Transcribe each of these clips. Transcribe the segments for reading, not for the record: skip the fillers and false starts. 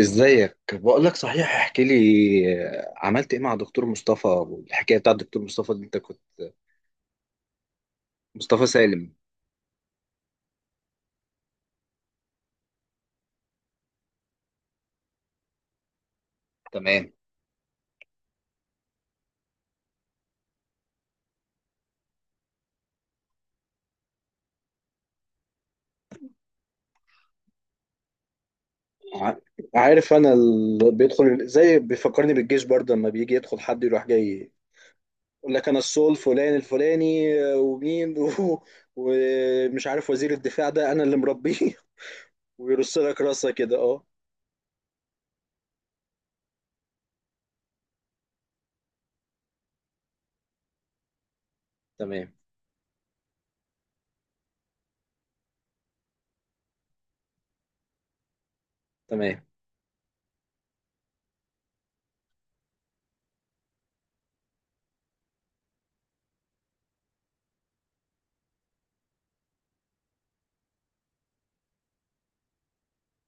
ازيك؟ بقول لك صحيح، احكي لي. آه، عملت ايه مع دكتور مصطفى؟ والحكايه بتاعت دكتور مصطفى دي انت كنت. مصطفى سالم. تمام. ع- عارف، انا اللي بيدخل زي بيفكرني بالجيش برضه، لما بيجي يدخل حد يروح جاي يقول لك انا السول الفلاني الفلاني، ومين ومش عارف وزير الدفاع، ده انا اللي مربيه. ويرص لك راسه كده، اه. تمام. تمام.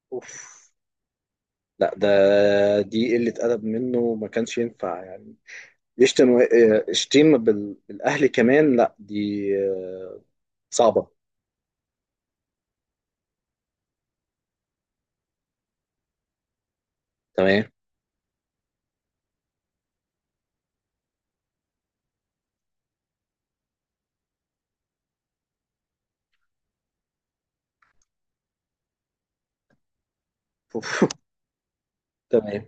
اوف. لا ده. دي قله ادب منه، ما كانش ينفع يعني. يشتم و- آه، يشتم بالاهل كمان، لا دي، صعبه. تمام. أوف. تمام.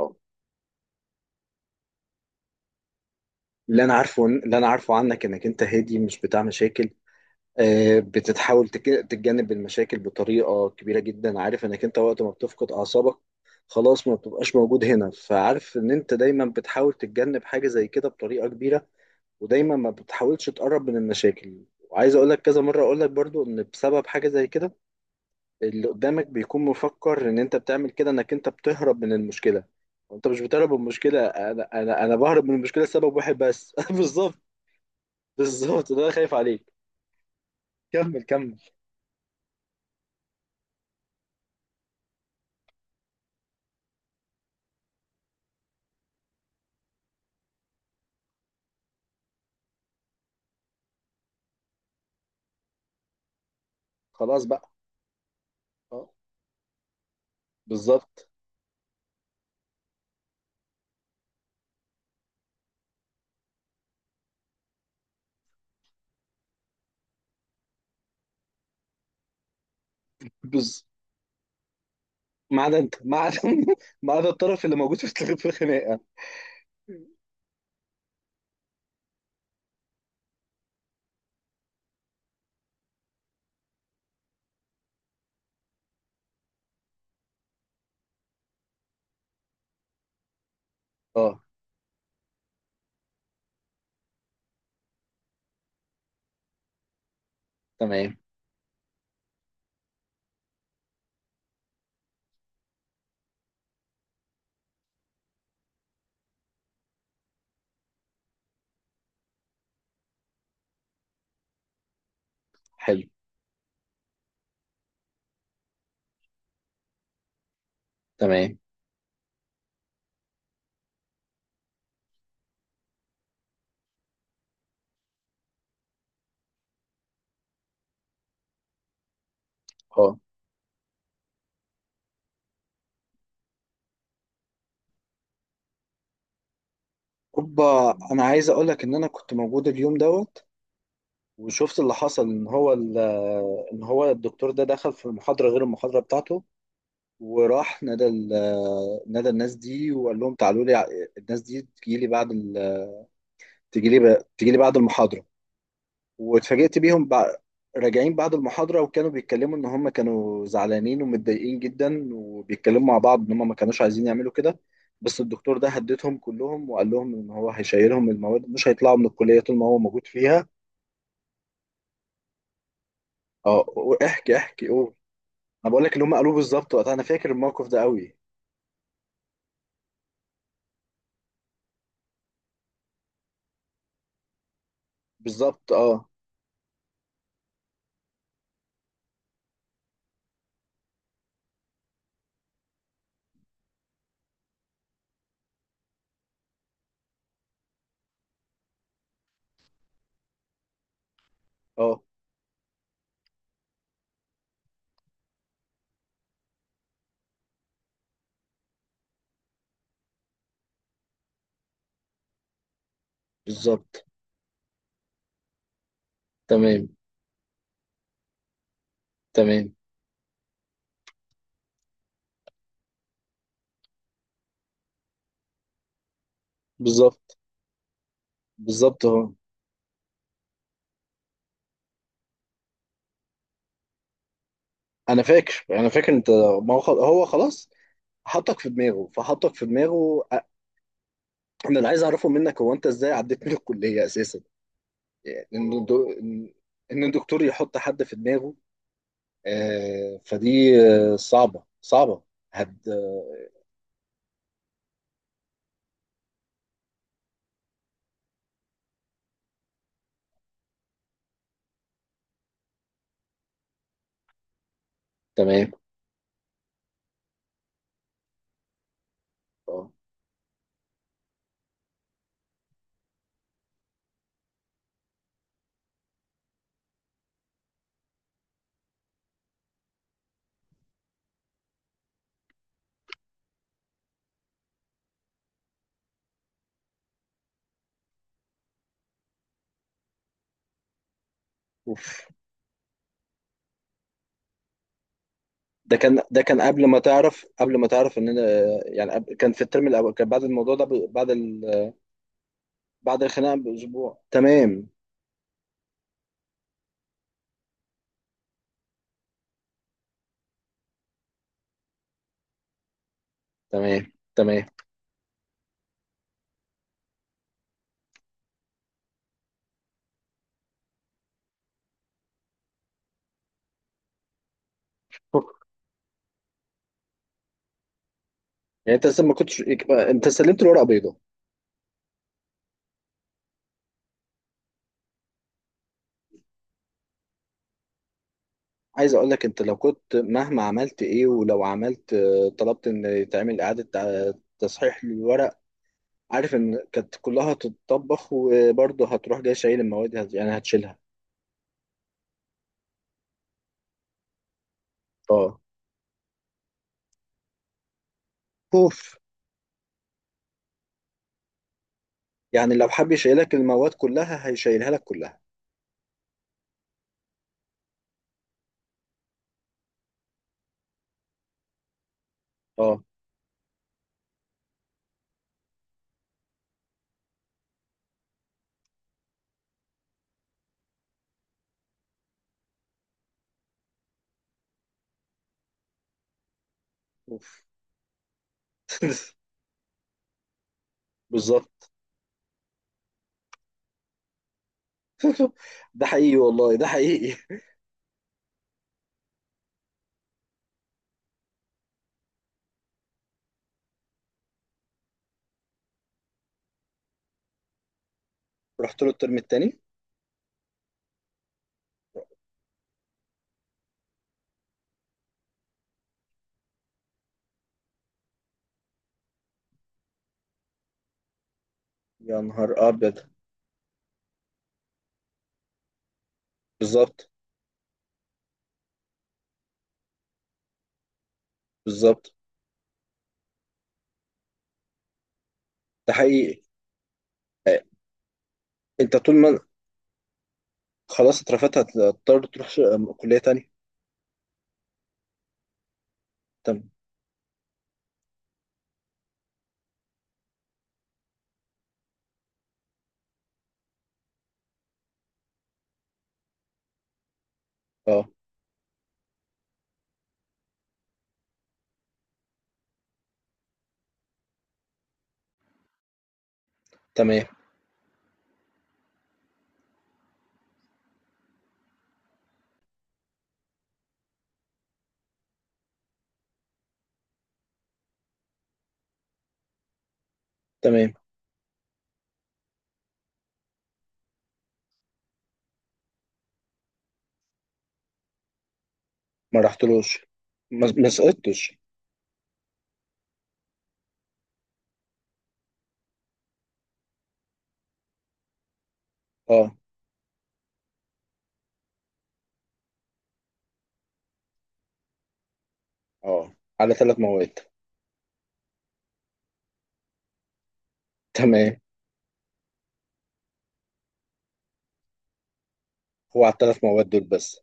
أه. اللي انا عارفه، اللي انا عارفه عنك، انك انت هادي، مش بتاع مشاكل. بتتحاول تتجنب المشاكل بطريقه كبيره جدا. عارف انك انت وقت ما بتفقد اعصابك خلاص ما بتبقاش موجود هنا، فعارف ان انت دايما بتحاول تتجنب حاجه زي كده بطريقه كبيره. ودايما ما بتحاولش تقرب من المشاكل. وعايز اقول لك كذا مره، اقول لك برضو ان بسبب حاجه زي كده اللي قدامك بيكون مفكر ان انت بتعمل كده، انك انت بتهرب من المشكله. وانت مش بتهرب من المشكله، انا بهرب من المشكله لسبب واحد بس. بالظبط. بالظبط، ده انا خايف عليك. كمل، كمل. خلاص بقى. اه. بالظبط. بز... ما عدا انت، ما عدا. ما عدا الطرف اللي موجود في الخناقه. اه. تمام. حلو. تمام. اه. اوبا، انا عايز اقول لك ان انا كنت موجود اليوم دوت، وشفت اللي حصل. ان ان هو الدكتور ده دخل في المحاضره غير المحاضره بتاعته. وراح نادى الناس دي وقال لهم تعالوا الناس دي تجي لي بعد ال... تجي لي ب... تجي لي بعد المحاضره. واتفاجئت بيهم بع... راجعين بعد المحاضره، وكانوا بيتكلموا ان هم كانوا زعلانين ومتضايقين جدا، وبيتكلموا مع بعض ان هم ما كانوش عايزين يعملوا كده. بس الدكتور ده هددهم كلهم وقال لهم ان هو هيشيلهم المواد، مش هيطلعوا من الكليه طول ما هو موجود فيها. اه. احكي، احكي، قول. انا بقول لك اللي هم قالوه بالظبط وقتها، انا فاكر الموقف ده قوي. بالظبط. اه. اه. بالظبط. تمام. تمام. بالظبط. بالظبط اهو. انا فاكر انت. ما هو هو خلاص حطك في دماغه، فحطك في دماغه. انا اللي عايز اعرفه منك هو انت ازاي عديت من الكليه اساسا. يعني ان الدو- ان إن الدكتور يحط حد في دماغه؟ فدي. صعبه، صعبه. هد آه، تمام. اه. اوف. ده كان قبل ما تعرف، قبل ما تعرف ان انا، يعني كان في الترم الاول، كان بعد الموضوع ده بعد الخناقه باسبوع. تمام. تمام. تمام. يعني انت لسه ما كنتش انت سلمت الورقه بيضاء. عايز اقول لك انت لو كنت مهما عملت ايه، ولو عملت، طلبت ان يتعمل اعاده تصحيح للورق، عارف ان كانت كلها هتتطبخ، وبرضه هتروح جاي شايل المواد، يعني هتشيلها. اه. اوف. يعني لو حب يشيلك المواد كلها هيشيلها لك كلها. اه. اوف. بالظبط. ده حقيقي والله، ده حقيقي. رحت له الترم التاني. يا نهار ابيض. بالظبط، بالظبط. ده حقيقي. آه، انت طول ما. خلاص، اترفدت، هتضطر تروح كلية تانية. تمام. اه. تمام. تمام. ما رحتلوش. ما سقطتش. اه. اه. على ثلاث مواد. تمام. هو على الثلاث مواد دول بس؟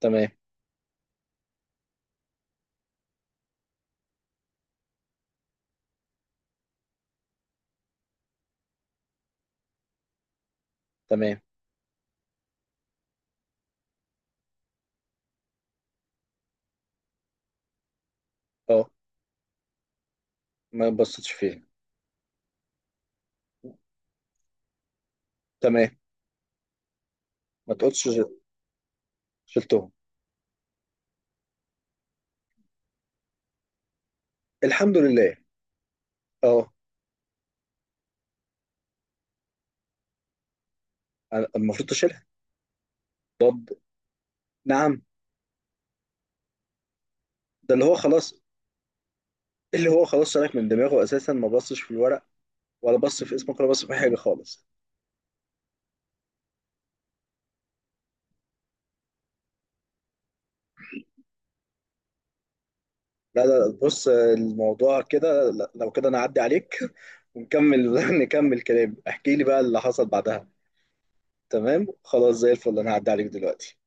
تمام. تمام. اه. ما بصيتش فيها. تمام. ما تقولش شلتهم. الحمد لله. اه. أنا المفروض تشيلها. طب. نعم. ده اللي هو خلاص. اللي هو خلاص سالك من دماغه اساسا، ما بصش في الورق، ولا بص في اسمك، ولا بص في أي حاجه خالص. لا، لا، بص الموضوع كده، لو كده انا اعدي عليك. ونكمل. نكمل كلام. احكي لي بقى اللي حصل بعدها. تمام، خلاص، زي الفل. انا هعدي عليك دلوقتي.